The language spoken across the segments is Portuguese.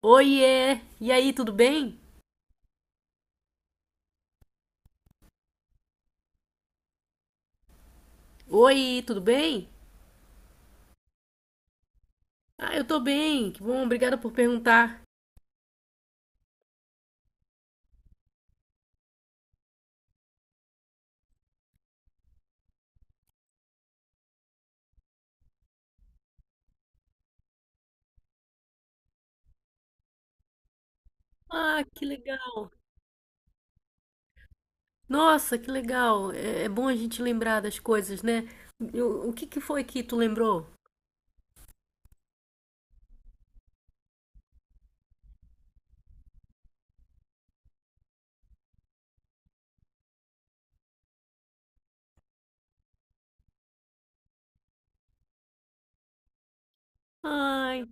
Oiê! E aí, tudo bem? Oi, tudo bem? Ah, eu tô bem, que bom, obrigada por perguntar. Ah, que legal! Nossa, que legal! É, é bom a gente lembrar das coisas, né? O que que foi que tu lembrou? Ai,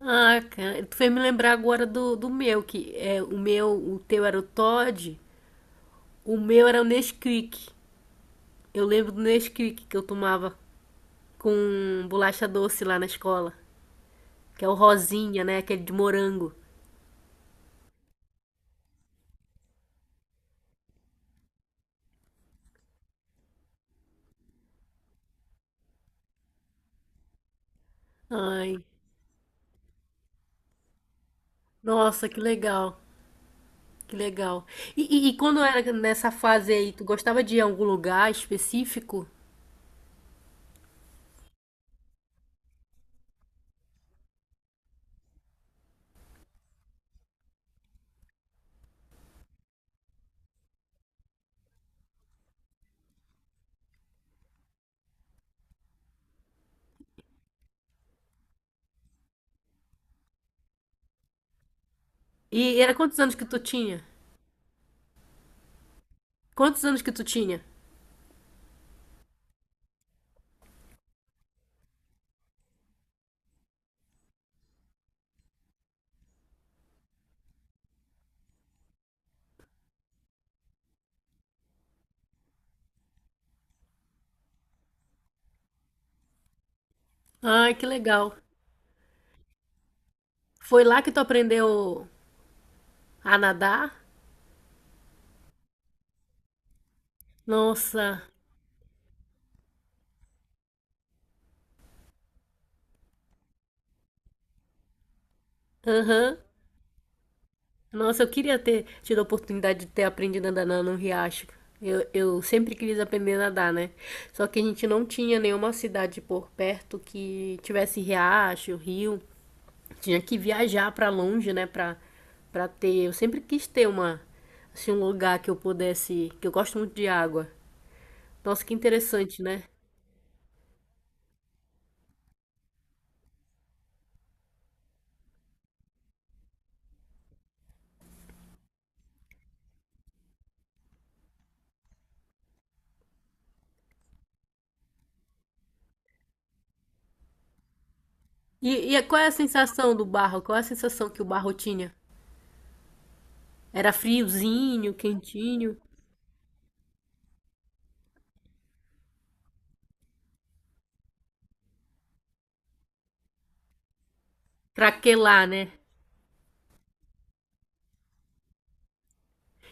ah, cara, tu fez me lembrar agora do meu, que é o meu, o teu era o Todd, o meu era o Nesquik. Eu lembro do Nesquik que eu tomava com bolacha doce lá na escola, que é o rosinha, né? Aquele de morango. Ai. Nossa, que legal, que legal. E, e quando era nessa fase aí, tu gostava de ir a algum lugar específico? E era quantos anos que tu tinha? Quantos anos que tu tinha? Ai, que legal. Foi lá que tu aprendeu a nadar? Nossa, aham. Nossa, eu queria ter tido a oportunidade de ter aprendido a nadar no riacho. Eu sempre quis aprender a nadar, né? Só que a gente não tinha nenhuma cidade por perto que tivesse riacho, rio. Tinha que viajar para longe, né, para ter, eu sempre quis ter uma assim um lugar que eu pudesse, que eu gosto muito de água. Nossa, que interessante, né? E é, qual é a sensação do barro? Qual é a sensação que o barro tinha? Era friozinho, quentinho, craquelar, né?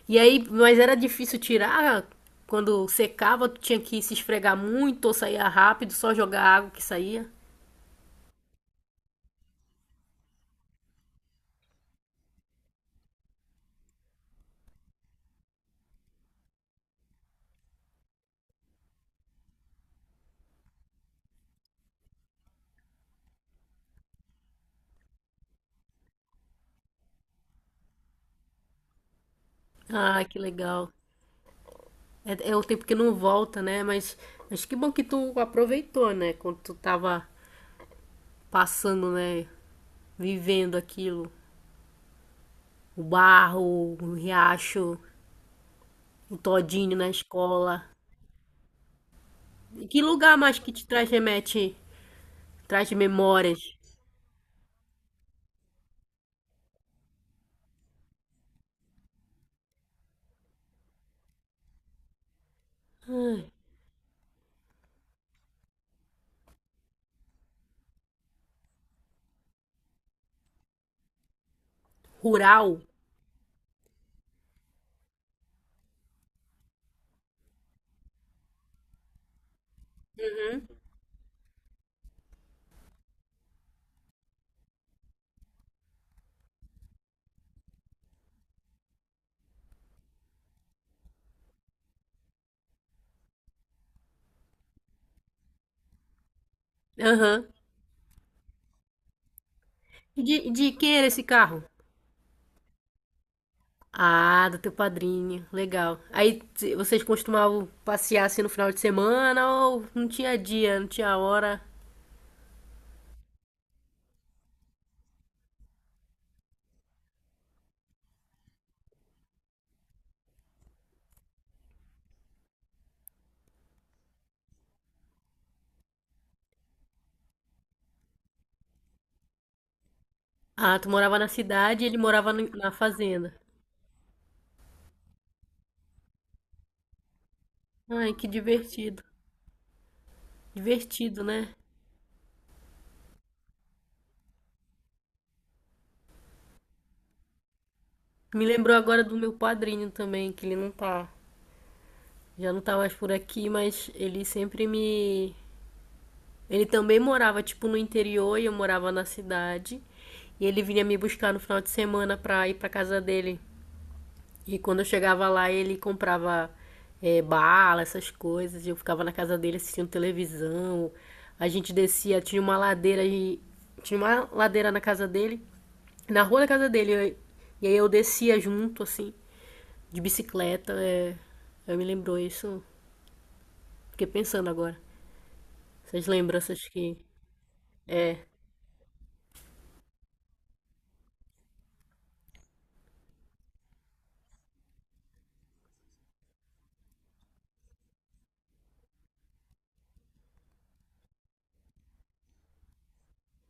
E aí, mas era difícil tirar. Quando secava, tu tinha que se esfregar muito ou saía rápido, só jogar água que saía. Ah, que legal. É, é o tempo que não volta, né? Mas que bom que tu aproveitou, né? Quando tu tava passando, né? Vivendo aquilo. O barro, o riacho, o todinho na escola. E que lugar mais que te traz remete, traz memórias? Ai, rural? Aham. E de quem era esse carro? Ah, do teu padrinho. Legal. Aí vocês costumavam passear assim no final de semana ou não tinha dia, não tinha hora? Ah, tu morava na cidade e ele morava na fazenda. Ai, que divertido. Divertido, né? Me lembrou agora do meu padrinho também, que ele não tá, já não tá mais por aqui, mas ele sempre me. Ele também morava, tipo, no interior e eu morava na cidade. E ele vinha me buscar no final de semana pra ir pra casa dele. E quando eu chegava lá, ele comprava bala, essas coisas. Eu ficava na casa dele assistindo televisão. A gente descia, tinha uma ladeira e tinha uma ladeira na casa dele, na rua da casa dele. E aí eu descia junto, assim, de bicicleta. É, eu me lembrou isso. Fiquei pensando agora. Essas lembranças que.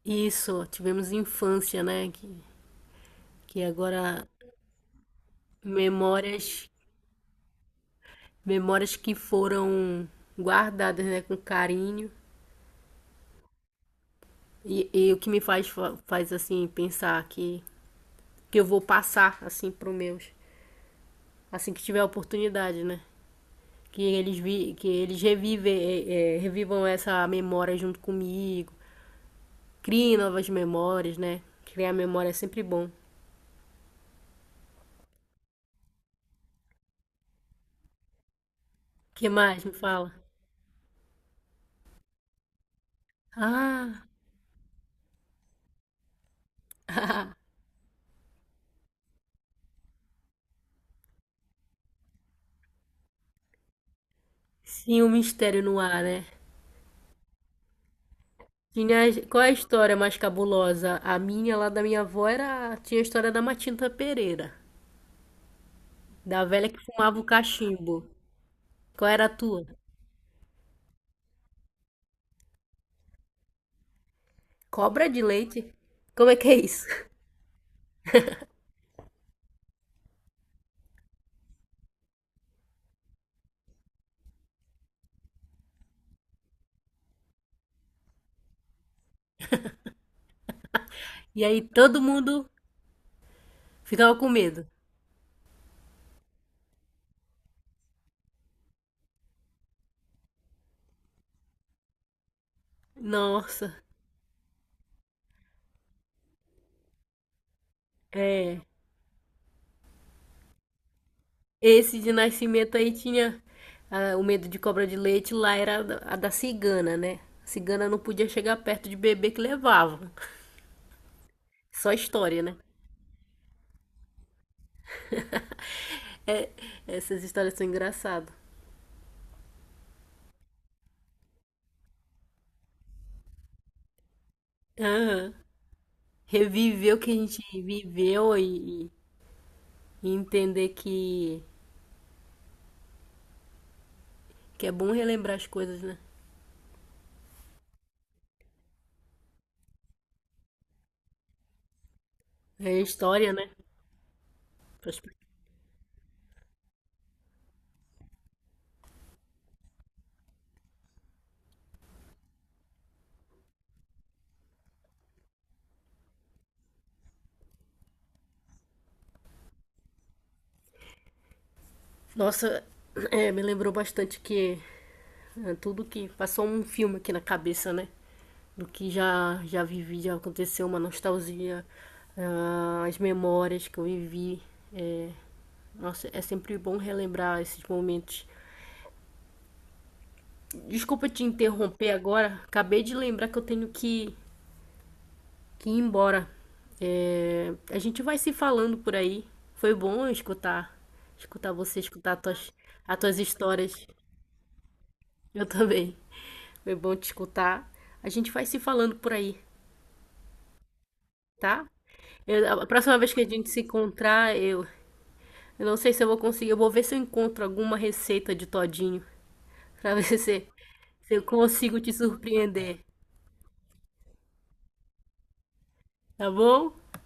Isso, tivemos infância, né? Que agora memórias, memórias que foram guardadas, né, com carinho. E o que me faz, faz assim, pensar que eu vou passar, assim, pros meus. Assim que tiver a oportunidade, né? Que eles, que eles revivam essa memória junto comigo. Criem novas memórias, né? Criar memória é sempre bom. Que mais? Me fala. Ah! Sim, o mistério no ar, né? Tinha, qual é a história mais cabulosa? A minha, lá da minha avó, era, tinha a história da Matinta Pereira, da velha que fumava o cachimbo. Qual era a tua? Cobra de leite? Como é que é isso? E aí todo mundo ficava com medo. Nossa, é. Esse de nascimento aí tinha o medo de cobra de leite, lá era a da cigana, né? A cigana não podia chegar perto de bebê que levava. Só história, né? Essas histórias são engraçadas. Aham. Reviver o que a gente viveu e entender que, é bom relembrar as coisas, né? É história, né? Para Nossa, é, me lembrou bastante que é, tudo que passou um filme aqui na cabeça, né? Do que já vivi, já aconteceu, uma nostalgia, ah, as memórias que eu vivi. Nossa, é sempre bom relembrar esses momentos. Desculpa te interromper agora, acabei de lembrar que eu tenho que ir embora. É, a gente vai se falando por aí. Foi bom escutar você, escutar as tuas histórias. Eu também. Foi bom te escutar. A gente vai se falando por aí, tá? A próxima vez que a gente se encontrar, eu não sei se eu vou conseguir. Eu vou ver se eu encontro alguma receita de todinho pra ver se eu consigo te surpreender, tá bom?